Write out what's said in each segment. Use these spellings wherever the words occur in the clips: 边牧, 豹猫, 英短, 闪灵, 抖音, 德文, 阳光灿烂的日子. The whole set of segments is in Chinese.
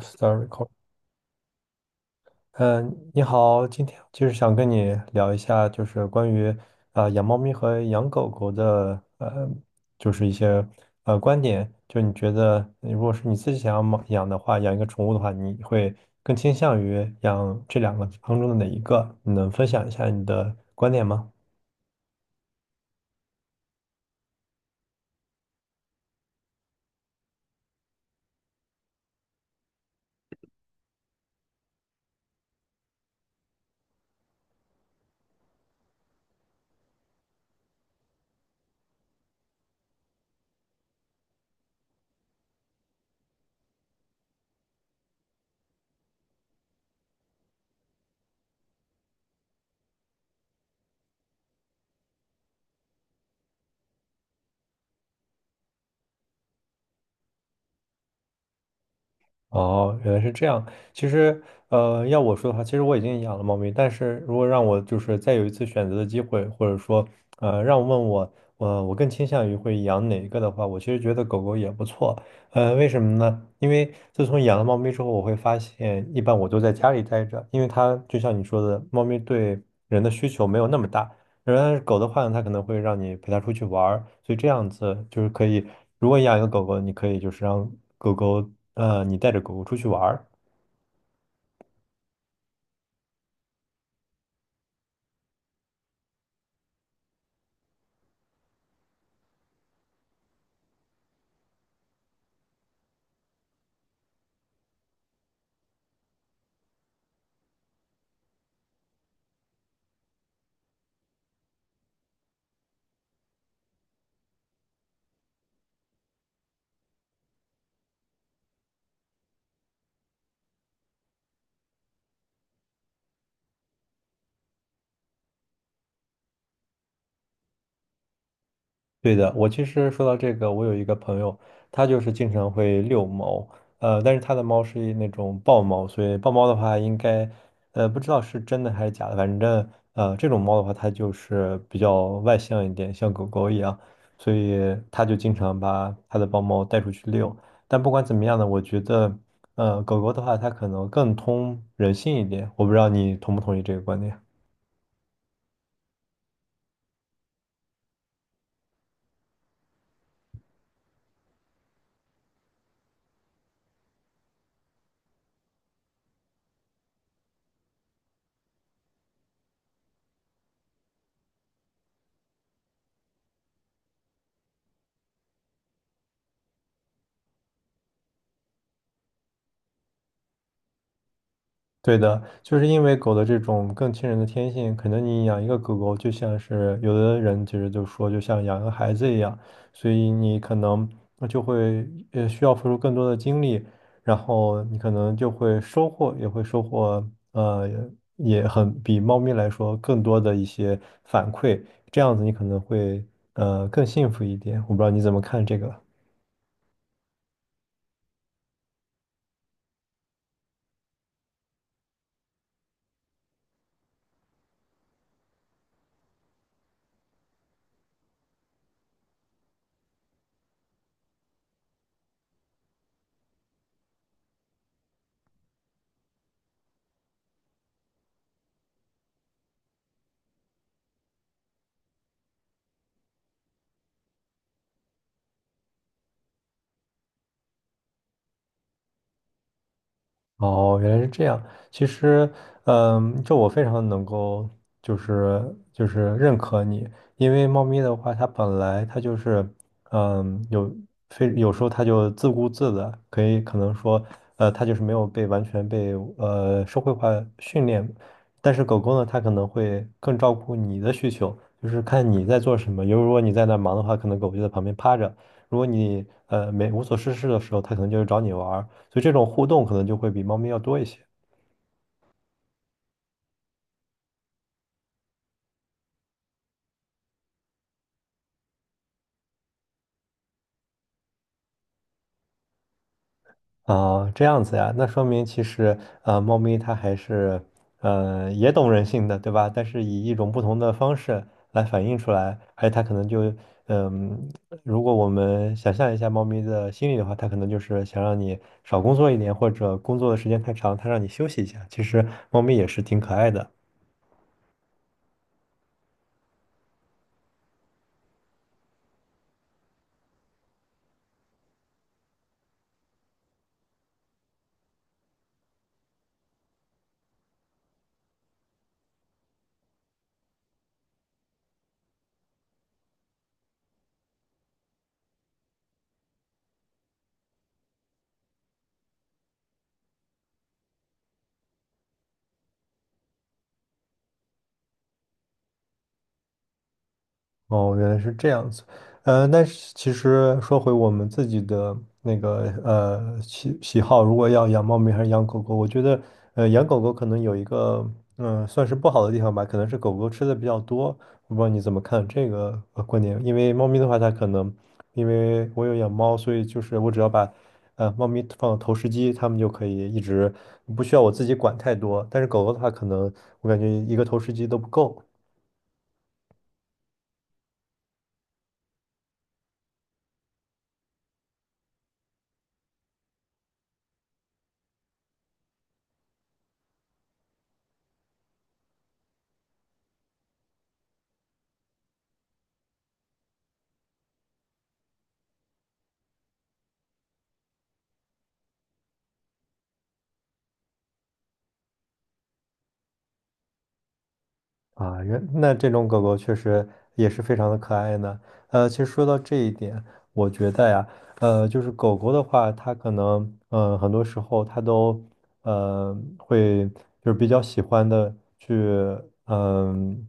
Start r e c a l l 嗯，你好，今天就是想跟你聊一下，就是关于养猫咪和养狗狗的，就是一些观点。就你觉得，如果是你自己想要猫养的话，养一个宠物的话，你会更倾向于养这两个当中的哪一个？你能分享一下你的观点吗？哦，原来是这样。其实，要我说的话，其实我已经养了猫咪，但是如果让我就是再有一次选择的机会，或者说，让我问我，我更倾向于会养哪一个的话，我其实觉得狗狗也不错。为什么呢？因为自从养了猫咪之后，我会发现，一般我都在家里待着，因为它就像你说的，猫咪对人的需求没有那么大。然后狗的话呢，它可能会让你陪它出去玩儿，所以这样子就是可以，如果养一个狗狗，你可以就是让狗狗，你带着狗狗出去玩儿，对的，我其实说到这个，我有一个朋友，他就是经常会遛猫，但是他的猫是一那种豹猫，所以豹猫的话，应该，不知道是真的还是假的，反正，这种猫的话，它就是比较外向一点，像狗狗一样，所以他就经常把他的豹猫带出去遛。但不管怎么样呢，我觉得，狗狗的话，它可能更通人性一点，我不知道你同不同意这个观点。对的，就是因为狗的这种更亲人的天性，可能你养一个狗狗，就像是有的人其实就说，就像养个孩子一样，所以你可能就会需要付出更多的精力，然后你可能就会收获，也会收获呃也很比猫咪来说更多的一些反馈，这样子你可能会更幸福一点。我不知道你怎么看这个。哦，原来是这样。其实，嗯，这我非常能够，就是认可你，因为猫咪的话，它本来它就是，嗯，有非有时候它就自顾自的，可能说，它就是没有被完全被社会化训练，但是狗狗呢，它可能会更照顾你的需求，就是看你在做什么。如果你在那儿忙的话，可能狗就在旁边趴着；如果你没无所事事的时候，它可能就找你玩儿，所以这种互动可能就会比猫咪要多一些。啊，这样子呀，那说明其实猫咪它还是也懂人性的，对吧？但是以一种不同的方式来反映出来，而且它可能就嗯、如果我们想象一下猫咪的心理的话，它可能就是想让你少工作一点，或者工作的时间太长，它让你休息一下。其实猫咪也是挺可爱的。哦，原来是这样子。嗯，但是其实说回我们自己的那个喜好，如果要养猫咪还是养狗狗，我觉得养狗狗可能有一个算是不好的地方吧，可能是狗狗吃的比较多。我不知道你怎么看这个观点，因为猫咪的话，它可能因为我有养猫，所以就是我只要把猫咪放到投食机，它们就可以一直不需要我自己管太多。但是狗狗的话，可能我感觉一个投食机都不够。啊，原那这种狗狗确实也是非常的可爱呢。其实说到这一点，我觉得呀，就是狗狗的话，它可能，很多时候它都，会就是比较喜欢的去，嗯、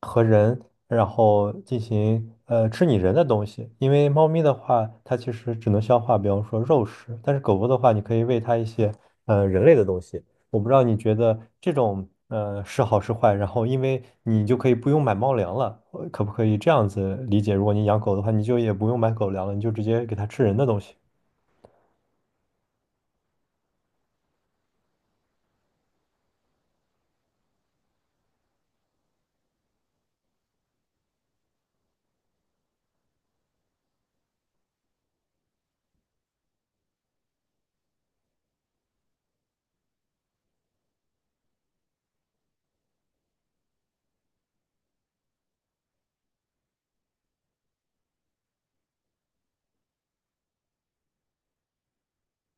和人，然后进行，吃你人的东西。因为猫咪的话，它其实只能消化，比方说肉食，但是狗狗的话，你可以喂它一些，人类的东西。我不知道你觉得这种是好是坏，然后因为你就可以不用买猫粮了，可不可以这样子理解？如果你养狗的话，你就也不用买狗粮了，你就直接给它吃人的东西。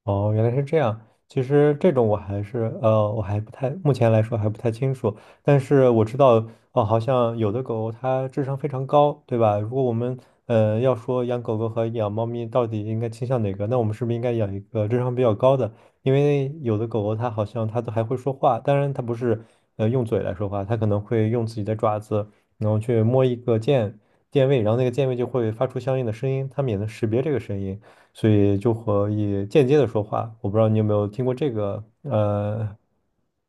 哦，原来是这样。其实这种我还是我还不太，目前来说还不太清楚。但是我知道，哦，好像有的狗它智商非常高，对吧？如果我们要说养狗狗和养猫咪到底应该倾向哪个，那我们是不是应该养一个智商比较高的？因为有的狗狗它好像它都还会说话，当然它不是用嘴来说话，它可能会用自己的爪子，然后去摸一个键位，然后那个键位就会发出相应的声音，它们也能识别这个声音。所以就可以间接的说话。我不知道你有没有听过这个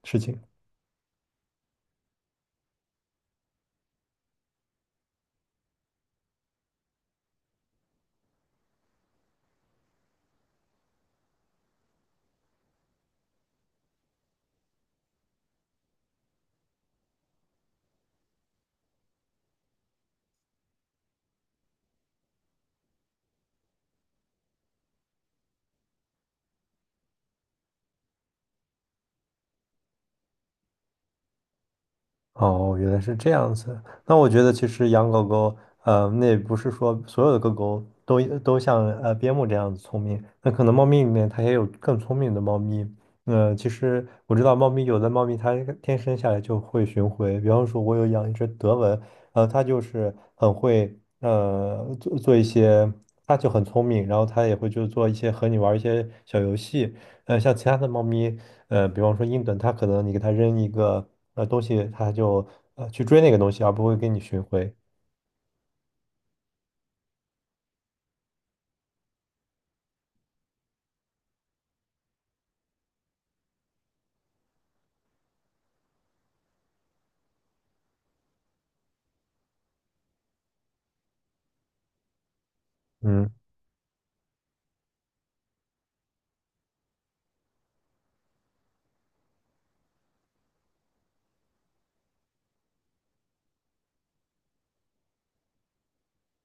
事情。哦，哦原来是这样子。那我觉得其实养狗狗，那也不是说所有的狗狗都像边牧这样子聪明。那可能猫咪里面它也有更聪明的猫咪。其实我知道猫咪有的猫咪它天生下来就会巡回，比方说我有养一只德文，它就是很会做一些，它就很聪明，然后它也会就做一些和你玩一些小游戏。像其他的猫咪，比方说英短，它可能你给它扔一个东西，它就去追那个东西，而不会给你寻回。嗯。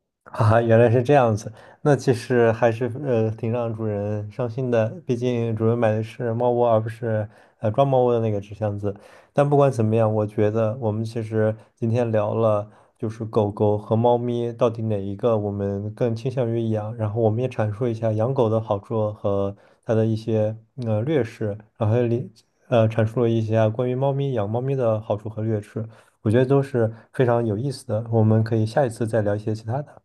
啊，原来是这样子，那其实还是挺让主人伤心的，毕竟主人买的是猫窝，而不是装猫窝的那个纸箱子。但不管怎么样，我觉得我们其实今天聊了，就是狗狗和猫咪到底哪一个我们更倾向于养，然后我们也阐述一下养狗的好处和它的一些劣势，然后阐述了一下关于猫咪养猫咪的好处和劣势，我觉得都是非常有意思的，我们可以下一次再聊一些其他的。